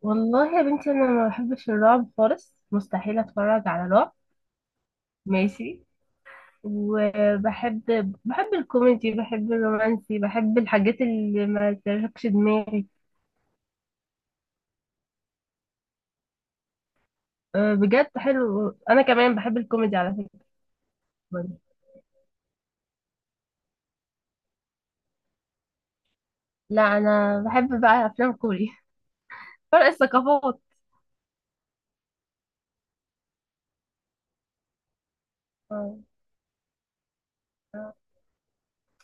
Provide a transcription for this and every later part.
والله يا بنتي، انا ما بحبش الرعب خالص، مستحيل اتفرج على رعب. ماشي. وبحب بحب الكوميدي، بحب الرومانسي، بحب الحاجات اللي ما تشغلش دماغي. أه، بجد حلو، انا كمان بحب الكوميدي على فكرة. برضه. لا، انا بحب بقى افلام كوري. فرق الثقافات. أه. آه.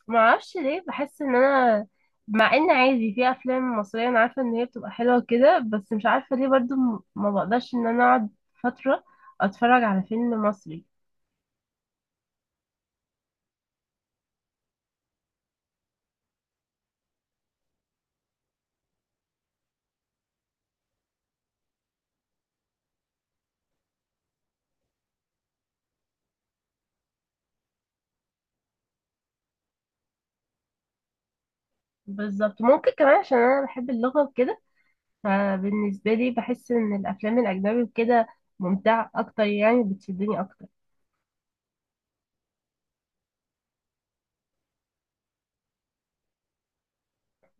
ما اعرفش ليه، بحس ان انا، مع ان عادي في افلام مصريه انا عارفه ان هي بتبقى حلوه كده، بس مش عارفه ليه برضو ما بقدرش ان انا اقعد فتره اتفرج على فيلم مصري. بالظبط، ممكن كمان عشان انا بحب اللغه وكده. فبالنسبه لي بحس ان الافلام الاجنبي وكده ممتعه اكتر، يعني بتشدني اكتر.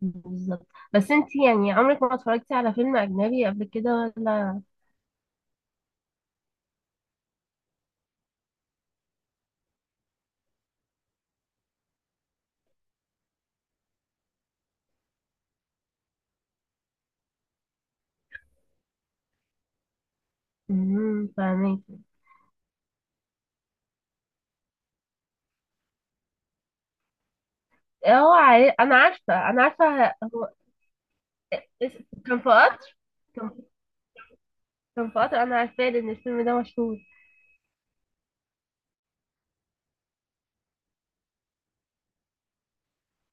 بالظبط. بس انتي يعني عمرك ما اتفرجتي على فيلم اجنبي قبل كده ولا؟ فاهمك. هو عارف، انا عارفه انا عارفه. كان في قطر. كان كان في قطر، انا عارفاه لان الفيلم ده مشهور.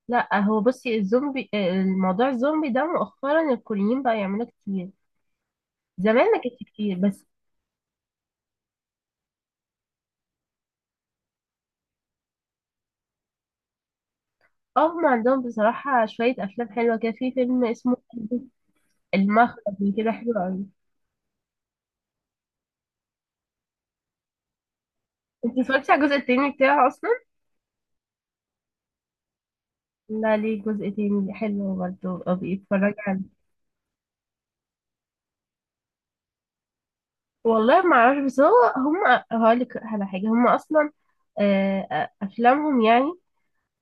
لا، هو بصي الزومبي، الموضوع الزومبي ده مؤخرا الكوريين بقى يعملوه كتير. زمان ما كانش كتير بس. هم عندهم بصراحة شوية أفلام حلوة كده، في فيلم اسمه، المخرج كده حلو أوي. انت اتفرجتي على الجزء التاني بتاعه أصلا؟ لا، ليه جزء تاني حلو برضه أو بيتفرج عليه؟ والله ما أعرفش، بس هو هم هقولك على حاجة. هم أصلا أفلامهم يعني،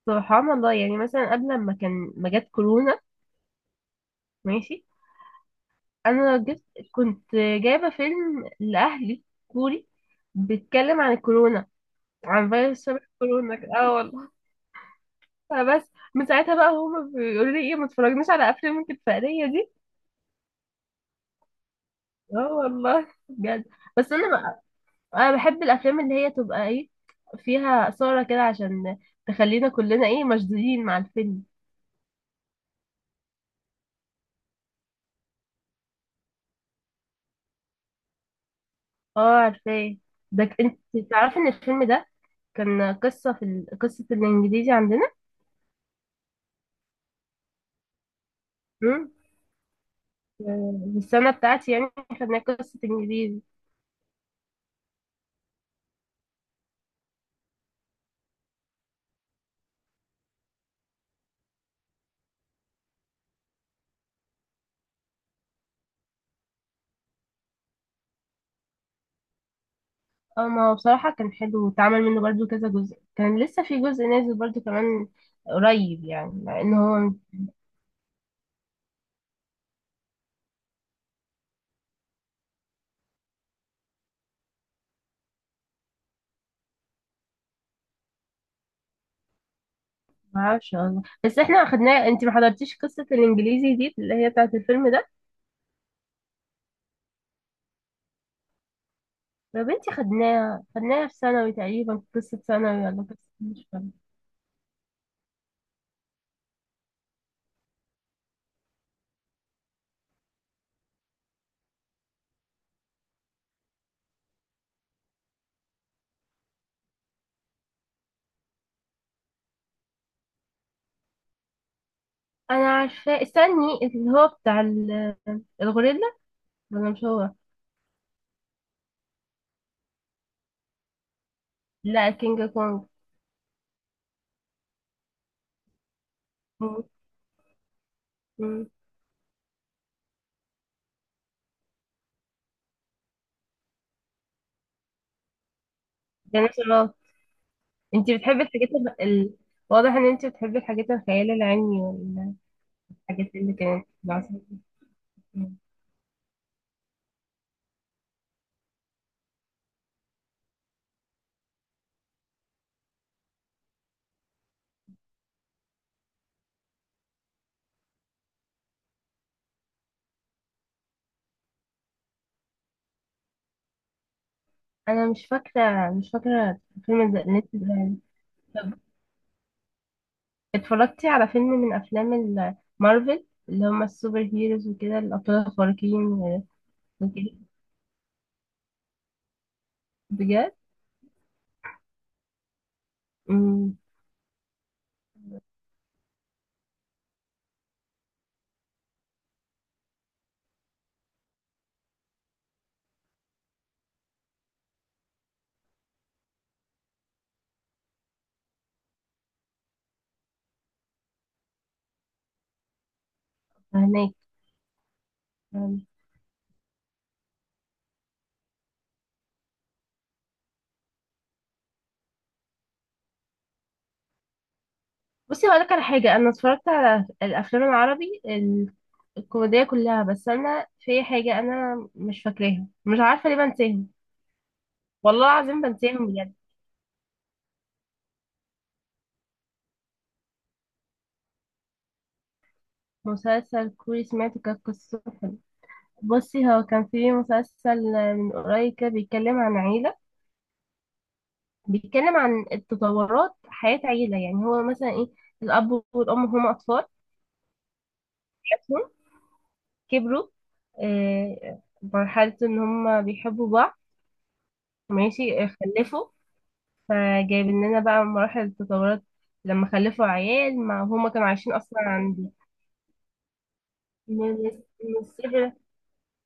سبحان الله، يعني مثلا قبل ما كان ما جت كورونا. ماشي. انا جبت كنت جايبه فيلم لاهلي كوري، بيتكلم عن الكورونا، عن فيروس شبه كورونا كده. اه والله. فبس من ساعتها بقى هما بيقولوا لي ايه، ما تتفرجناش على افلام انت الفقريه دي. اه والله، بجد. بس انا بقى، انا بحب الافلام اللي هي تبقى ايه، فيها اثاره كده عشان تخلينا كلنا ايه مشدودين مع الفيلم. اه عارفاه. ده انت تعرفي ان الفيلم ده كان قصة قصة الانجليزي عندنا. امم في السنة بتاعتي يعني خدنا قصة انجليزي. اه، ما هو بصراحة كان حلو، واتعمل منه برضو كذا جزء، كان لسه في جزء نازل برضو كمان قريب، يعني مع ان هو، معرفش والله، بس احنا خدناه. انت ما حضرتيش قصة الانجليزي دي اللي هي بتاعت الفيلم ده؟ يا بنتي خدناها خدناها في ثانوي تقريبا، قصة ثانوي ولا قصة، مش فاهمة. انا عارفاه، استني، اللي هو بتاع الغوريلا. انا مش، هو، لا كينج كونج. مم. مم. ديناصورات. انت بتحبي الحاجات واضح ان انت بتحبي الحاجات الخيال العلمي والحاجات اللي كانت في العصر الفيلم. انا مش فاكره الفيلم ده اللي انت بتقولي. طب، اتفرجتي على فيلم من افلام مارفل، اللي هم السوبر هيروز وكده، الابطال الخارقين وكده؟ بجد. امم فهناك. بصي هقولك على حاجة، أنا اتفرجت على الأفلام العربي الكوميدية كلها، بس أنا في حاجة، أنا مش فاكراها، مش عارفة ليه بنساهم. والله العظيم بنساهم بجد. مسلسل كوري سمعته كانت قصته حلوة. بصي هو كان في مسلسل من قريب كده بيتكلم عن عيلة، بيتكلم عن التطورات حياة عيلة، يعني هو مثلا إيه، الأب والأم هما أطفال، حياتهم، كبروا، مرحلة إن هما بيحبوا بعض. ماشي. خلفوا. فجايب لنا بقى مراحل التطورات، لما خلفوا عيال ما هما كانوا عايشين اصلا عندي، من من الصفر.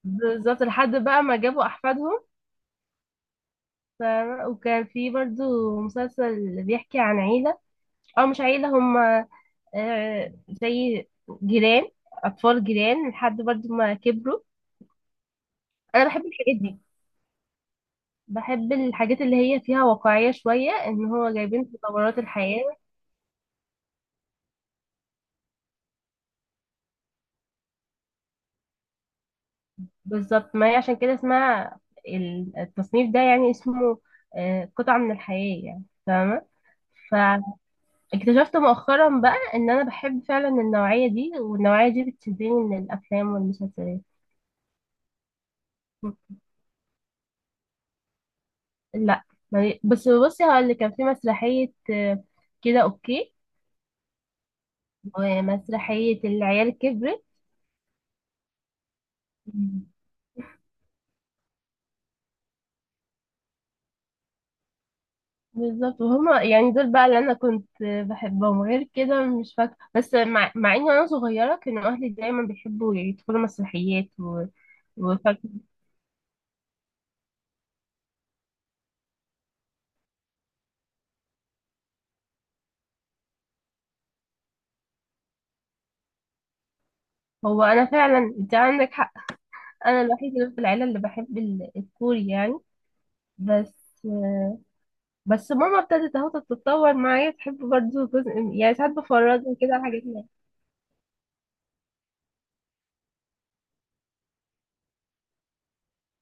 بالظبط لحد بقى ما جابوا احفادهم. ف... وكان في برضو مسلسل بيحكي عن عيلة، او مش عيلة، هما زي جيران، اطفال جيران لحد برضو ما كبروا. انا بحب الحاجات دي، بحب الحاجات اللي هي فيها واقعية شوية ان هو جايبين تطورات الحياة. بالظبط، ما هي عشان كده اسمها التصنيف ده يعني اسمه قطعة من الحياة، يعني فاهمة. فاكتشفت مؤخرا بقى ان انا بحب فعلا النوعية دي، والنوعية دي بتشدني من الافلام والمسلسلات. لا، بس بصي هقول لك كان في مسرحية كده اوكي، ومسرحية العيال كبرت. بالظبط، وهما يعني دول بقى اللي انا كنت بحبهم، غير كده مش فاكره، بس مع اني وانا صغيره كانوا اهلي دايما بيحبوا يدخلوا مسرحيات وفاكره. هو انا فعلا، انت عندك حق. انا الوحيده اللي في العيله اللي بحب الكوري يعني. بس بس ماما ابتدت اهو تتطور معايا، تحب برضه جزء، يعني ساعات بفرجها كده على حاجات. ما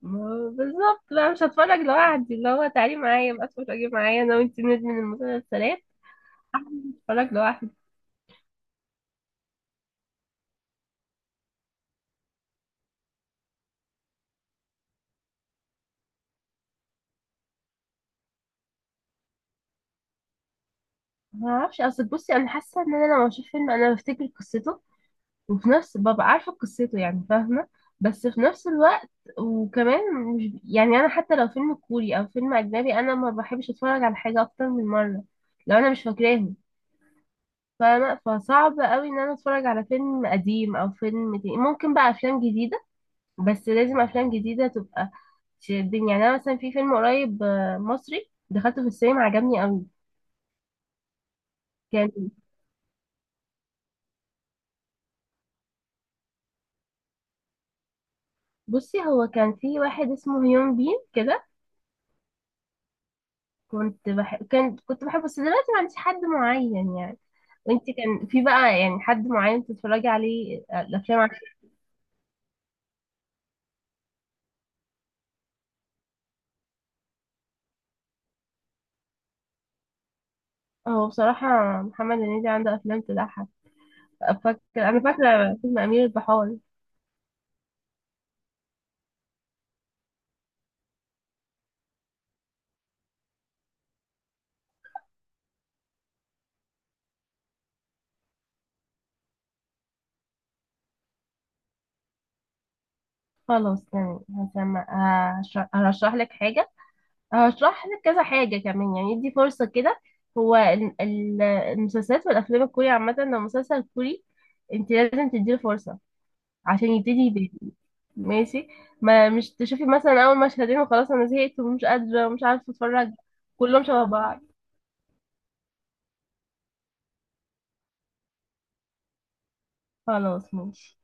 ما- بالظبط بقى، مش هتفرج لوحدي، اللي هو تعالي معايا بقى اتفرجي معايا انا وانت ندمن المسلسلات. هتفرج لوحدي. ما اعرفش، اصل بصي انا حاسه ان انا لما بشوف فيلم انا بفتكر قصته، وفي نفس ببقى عارفه قصته يعني، فاهمه، بس في نفس الوقت، وكمان، مش يعني انا حتى لو فيلم كوري او فيلم اجنبي، انا ما بحبش اتفرج على حاجه اكتر من مره لو انا مش فاكراهم، فاهمه. فصعب قوي ان انا اتفرج على فيلم قديم او فيلم جديد. ممكن بقى افلام جديده، بس لازم افلام جديده تبقى تشدني. يعني انا مثلا في فيلم قريب مصري دخلته في السينما عجبني قوي، كان. بصي هو كان في واحد اسمه هيون بين كده، كنت بحبه، بس دلوقتي ما عنديش حد معين يعني. وانت كان في بقى يعني حد معين تتفرجي عليه الافلام عشان. هو بصراحة محمد هنيدي عنده افلام تضحك. انا فاكرة فيلم امير البحار. خلاص تمام هسمع. هرشح لك حاجة، هشرح لك كذا حاجة كمان، يعني ادي فرصة كده. هو المسلسلات والافلام الكوري عامة، لو مسلسل كوري انت لازم تديله فرصة عشان يبتدي يبان. ماشي. ما مش تشوفي مثلا اول مشهدين وخلاص انا زهقت ومش قادرة ومش عارفة اتفرج. كلهم شبه بعض. خلاص، ماشي.